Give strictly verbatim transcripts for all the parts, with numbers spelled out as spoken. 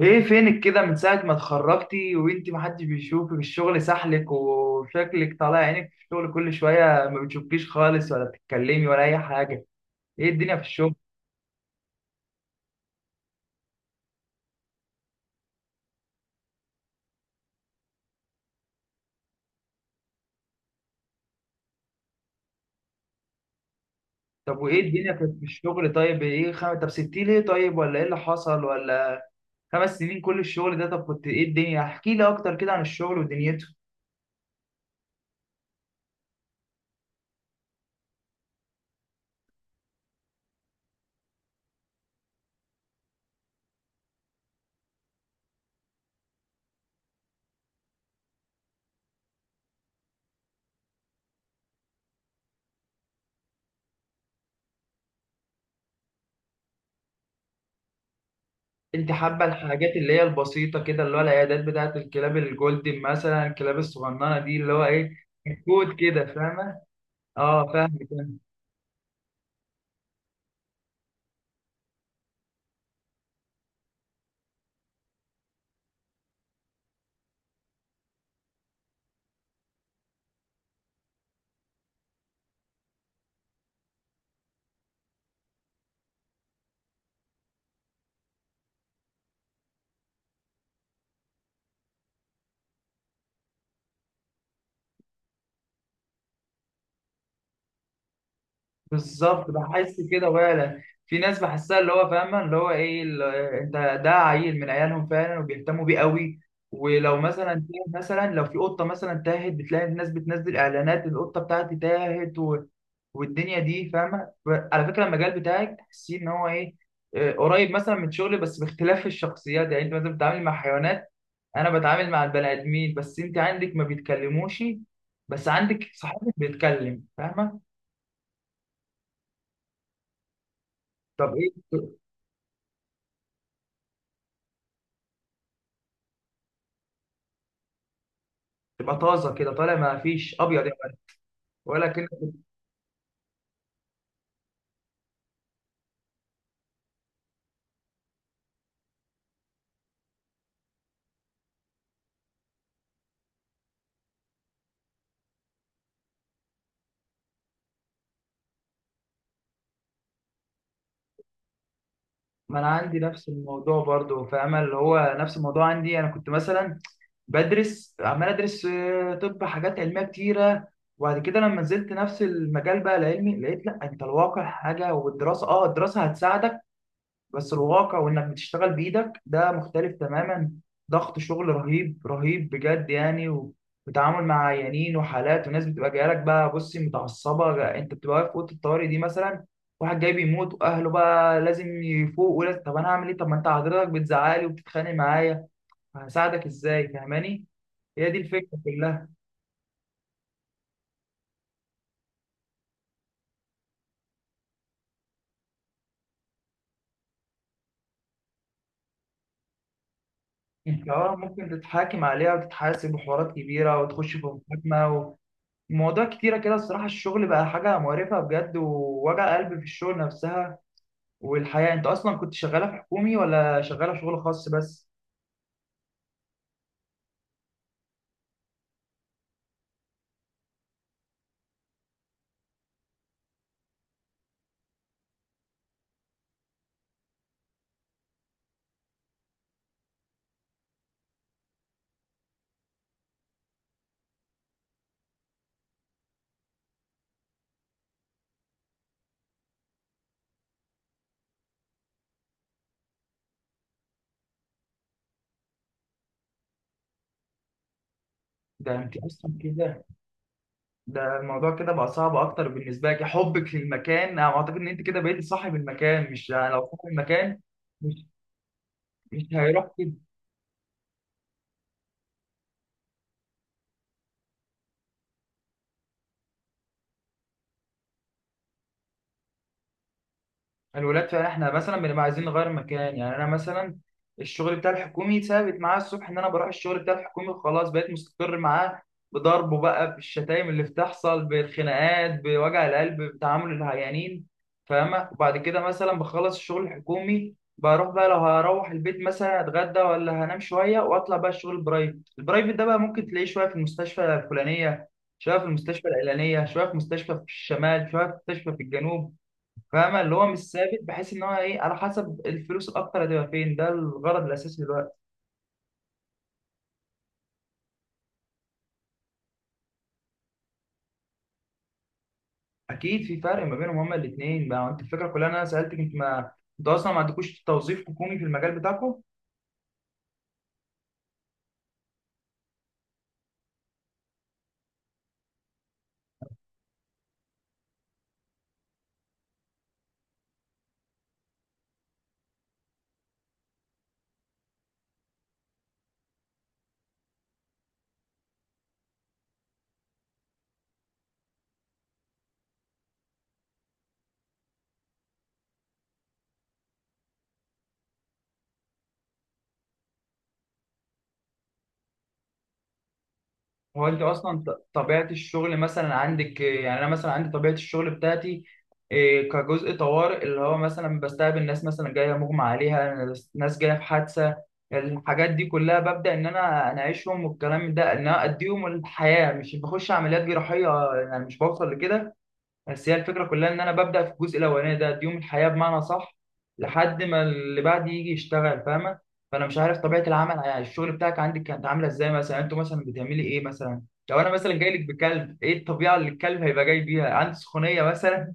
ايه فينك كده من ساعة ما اتخرجتي وانتي محدش بيشوفك؟ الشغل سحلك وشكلك طالع عينك في الشغل، كل شوية ما بتشوفكيش خالص ولا بتتكلمي ولا أي حاجة. ايه الدنيا في الشغل؟ طب وايه الدنيا في في الشغل؟ طيب ايه خم... طب سبتيه ليه؟ طيب ولا ايه اللي حصل ولا؟ خمس سنين كل الشغل ده، طب كنت ايه الدنيا، احكي لي أكتر كده عن الشغل ودنيته. انت حابة الحاجات اللي هي البسيطة كده، اللي هو العيادات بتاعة الكلاب الجولدن مثلا، الكلاب الصغننة دي اللي هو ايه، كود كده، فاهمة؟ اه فاهمك. بالظبط، بحس كده فعلا. في ناس بحسها اللي هو فاهمه اللي هو ايه ال- انت، ده عيل من عيالهم فعلا، وبيهتموا بيه قوي. ولو مثلا تاه- مثلا لو في قطه مثلا تاهت، بتلاقي الناس بتنزل اعلانات القطه بتاعتي تاهت و... والدنيا دي، فاهمه؟ ف- على فكره المجال بتاعك تحسيه ان هو ايه، آه، قريب مثلا من شغلي، بس باختلاف الشخصيات. يعني انت مثلا بتتعامل مع حيوانات، انا بتعامل مع البني ادمين، بس انت عندك ما بيتكلموش، بس عندك صاحبك بيتكلم، فاهمه؟ طب ايه، تبقى طازه كده طالع، ما فيش ابيض يعني. ولكن ما انا عندي نفس الموضوع برضو، فاهمه؟ اللي هو نفس الموضوع عندي، انا كنت مثلا بدرس عمال ادرس، آه، طب حاجات علميه كتيره. وبعد كده لما نزلت نفس المجال بقى العلمي، لقيت لا انت الواقع حاجه والدراسه، اه الدراسه هتساعدك بس الواقع وانك بتشتغل بايدك ده مختلف تماما. ضغط شغل رهيب رهيب بجد يعني، و- وتعامل مع عيانين وحالات وناس بتبقى جايه لك بقى، بصي متعصبه، جا- انت بتبقى واقف في اوضه الطوارئ دي مثلا، واحد جاي بيموت واهله بقى لازم يفوق ولازم، طب انا هعمل ايه؟ طب ما انت حضرتك بتزعلي وبتتخانق معايا، هساعدك ازاي؟ فاهماني؟ هي دي الفكره كلها. انت اه ممكن تتحاكم عليها وتتحاسب وحوارات كبيره، وتخش في محاكمه، مواضيع كتيرة كده، الصراحة الشغل بقى حاجة مقرفة بجد، ووجع قلب في الشغل نفسها. والحياة، انت اصلا كنت شغالة في حكومي ولا شغالة شغل خاص بس؟ ده انت اصلا كده، ده الموضوع كده بقى صعب اكتر بالنسبة لك، حبك للمكان. انا اعتقد ان انت كده بقيتي صاحب المكان، مش يعني لو صاحب المكان مش مش هيروح كده. الولاد فعلا، احنا مثلا بنبقى عايزين نغير مكان، يعني انا مثلا الشغل بتاع الحكومي ثابت معاه الصبح، ان انا بروح الشغل بتاع الحكومي وخلاص، بقيت مستقر معاه، بضربه بقى بالشتايم اللي بتحصل، بالخناقات، بوجع القلب، بتعامل العيانين، فاهمة؟ وبعد كده مثلا بخلص الشغل الحكومي، بروح بقى لو هروح البيت مثلا اتغدى ولا هنام شوية، واطلع بقى الشغل البرايفت. البرايفت ده بقى ممكن تلاقيه شوية في المستشفى الفلانية، شوية في المستشفى العلانية، شوية في مستشفى في الشمال، شوية في مستشفى في الجنوب، فاهمة؟ اللي هو مش ثابت، بحيث ان هو ايه، على حسب الفلوس الاكتر هتبقى فين، ده الغرض الاساسي دلوقتي. اكيد في فرق ما بينهم هما الاثنين بقى. انت الفكره كلها إن انا سالتك، انت ما انتوا اصلا ما عندكوش توظيف حكومي في المجال بتاعكم؟ هو انت اصلا، ط- طبيعه الشغل مثلا عندك، آه، يعني انا مثلا عندي طبيعه الشغل بتاعتي إيه، كجزء طوارئ، اللي هو مثلا بستقبل ناس مثلا جايه مغمى عليها، ناس ناس جايه في حادثه. الحاجات دي كلها ببدا ان انا اناعشهم، والكلام ده ان انا اديهم الحياه، مش بخش عمليات جراحيه، يعني مش بوصل لكده. بس هي الفكرة كلها إن أنا ببدأ في الجزء الأولاني ده، ديوم الحياة بمعنى صح، لحد ما اللي بعد يجي يشتغل، فاهمة؟ فأنا مش عارف طبيعة العمل، يعني الشغل بتاعك عندك كانت عاملة إزاي مثلا؟ أنتوا مثلا بتعملي إيه مثلا؟ لو أنا مثلا جاي لك بكلب، إيه الطبيعة اللي الكلب هيبقى جاي بيها؟ عندي سخونية مثلا.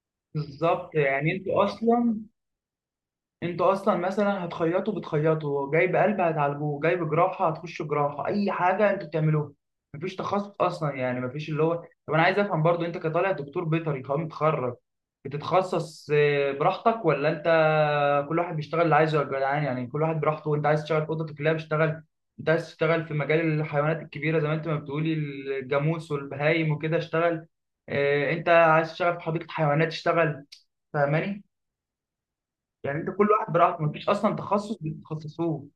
بالظبط، يعني أنتوا أصلا، انتوا اصلا مثلا هتخيطوا بتخيطوا، جايب قلب هتعالجوه، جايب جراحه هتخش جراحه، اي حاجه انتوا بتعملوها. مفيش تخصص اصلا، يعني مفيش اللي هو. طب انا عايز افهم برضو، انت كطالع دكتور بيطري قام متخرج، بتتخصص آه، براحتك ولا انت كل واحد بيشتغل اللي عايزه؟ يا جدعان، يعني كل واحد براحته، انت عايز تشتغل في اوضه الكلاب اشتغل، انت عايز تشتغل في مجال الحيوانات الكبيره زي ما انت ما بتقولي الجاموس والبهايم وكده اشتغل، آه، انت عايز تشتغل في حديقه حيوانات اشتغل، فاهماني؟ يعني انت كل واحد براحته، مفيش اصلا تخصص بتتخصصوه.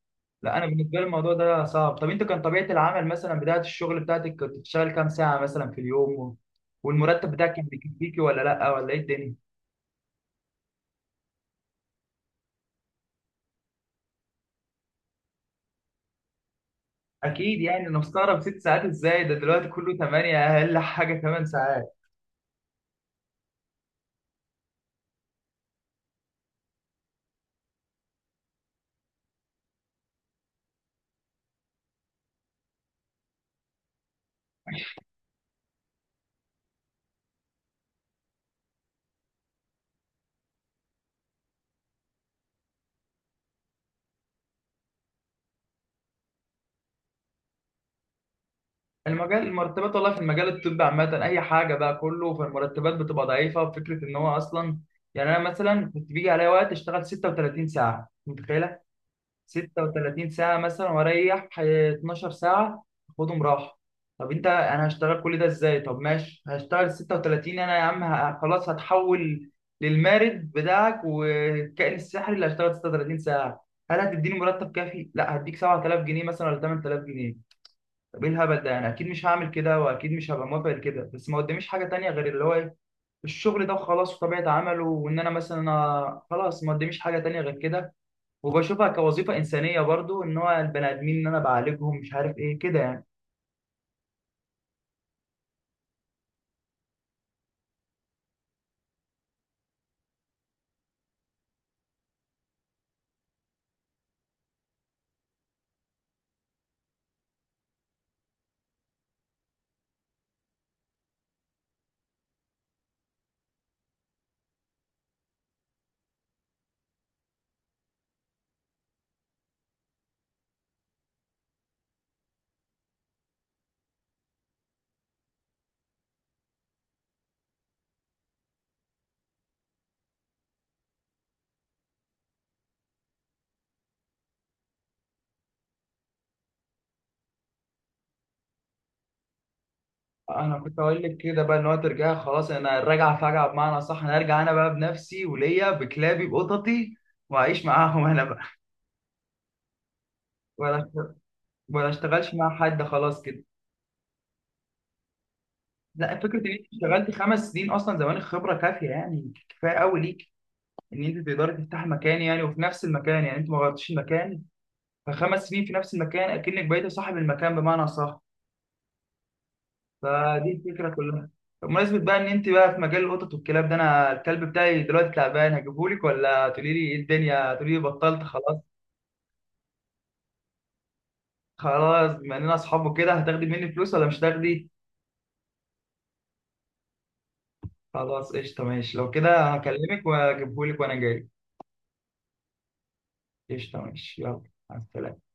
لا انا بالنسبه لي الموضوع ده صعب. طب انت كان طبيعه العمل مثلا بدايه الشغل بتاعتك، كنت بتشتغل كام ساعه مثلا في اليوم، و- والمرتب بتاعك كان بيكفيكي ولا لا ولا ايه الدنيا؟ اكيد يعني، انا مستغرب ست ساعات ازاي، ده دلوقتي كله تمانية، اقل حاجه تمانية ساعات. المجال المرتبات، والله في المجال الطبي عامه اي حاجه بقى، كله فالمرتبات بتبقى ضعيفه. فكره ان هو اصلا، يعني انا مثلا كنت بيجي عليا وقت اشتغل ستة وتلاتين ساعه، متخيله؟ ستة وثلاثين ساعة مثلا، وأريح ح- اتناشر ساعة، أخدهم راحة. طب أنت أنا هشتغل كل ده إزاي؟ طب ماشي هشتغل ستة وثلاثين، أنا يا عم ه- خلاص هتحول للمارد بتاعك والكائن السحري اللي هشتغل ستة وتلاتين ساعة. هل هتديني مرتب كافي؟ لا هديك سبع تلاف جنيه مثلا ولا تمن تلاف جنيه؟ طب إيه الهبل ده؟ أنا أكيد مش هعمل كده، وأكيد مش هبقى موافق لكده، بس ما قداميش حاجة تانية غير اللي هو إيه، الشغل ده وخلاص، وطبيعة عمله، وإن أنا مثلا آه، خلاص ما قداميش حاجة تانية غير كده. وبشوفها كوظيفة إنسانية برضو، إن هو البني آدمين إن أنا بعالجهم، مش عارف إيه كده يعني. أنا كنت أقول لك كده بقى، إن هو ترجع خلاص، أنا الرجعة فجعة بمعنى صح، أنا أرجع أنا بقى بنفسي، وليا بكلابي بقططي، وأعيش معاهم أنا بقى، ولا ولا أشتغلش مع حد خلاص كده. لا فكرة إن أنت اشتغلتي خمس سنين أصلا زمان، الخبرة كافية يعني، كفاية أوي ليك إن أنت تقدري تفتحي مكان، يعني وفي نفس المكان، يعني أنت ما غيرتيش المكان. فخمس سنين في نفس المكان أكنك بقيتي صاحب المكان بمعنى صح. فدي الفكره كلها. بمناسبه بقى ان انت بقى في مجال القطط والكلاب ده، انا الكلب بتاعي دلوقتي تعبان، هجيبهولك ولا تقولي لي ايه الدنيا، تقولي لي بطلت خلاص؟ خلاص بما اننا اصحاب وكده، هتاخدي مني فلوس ولا مش هتاخدي؟ خلاص قشطه، ماشي، لو كده هكلمك واجيبهولك وانا جاي. قشطه ماشي، يلا. مع السلامه.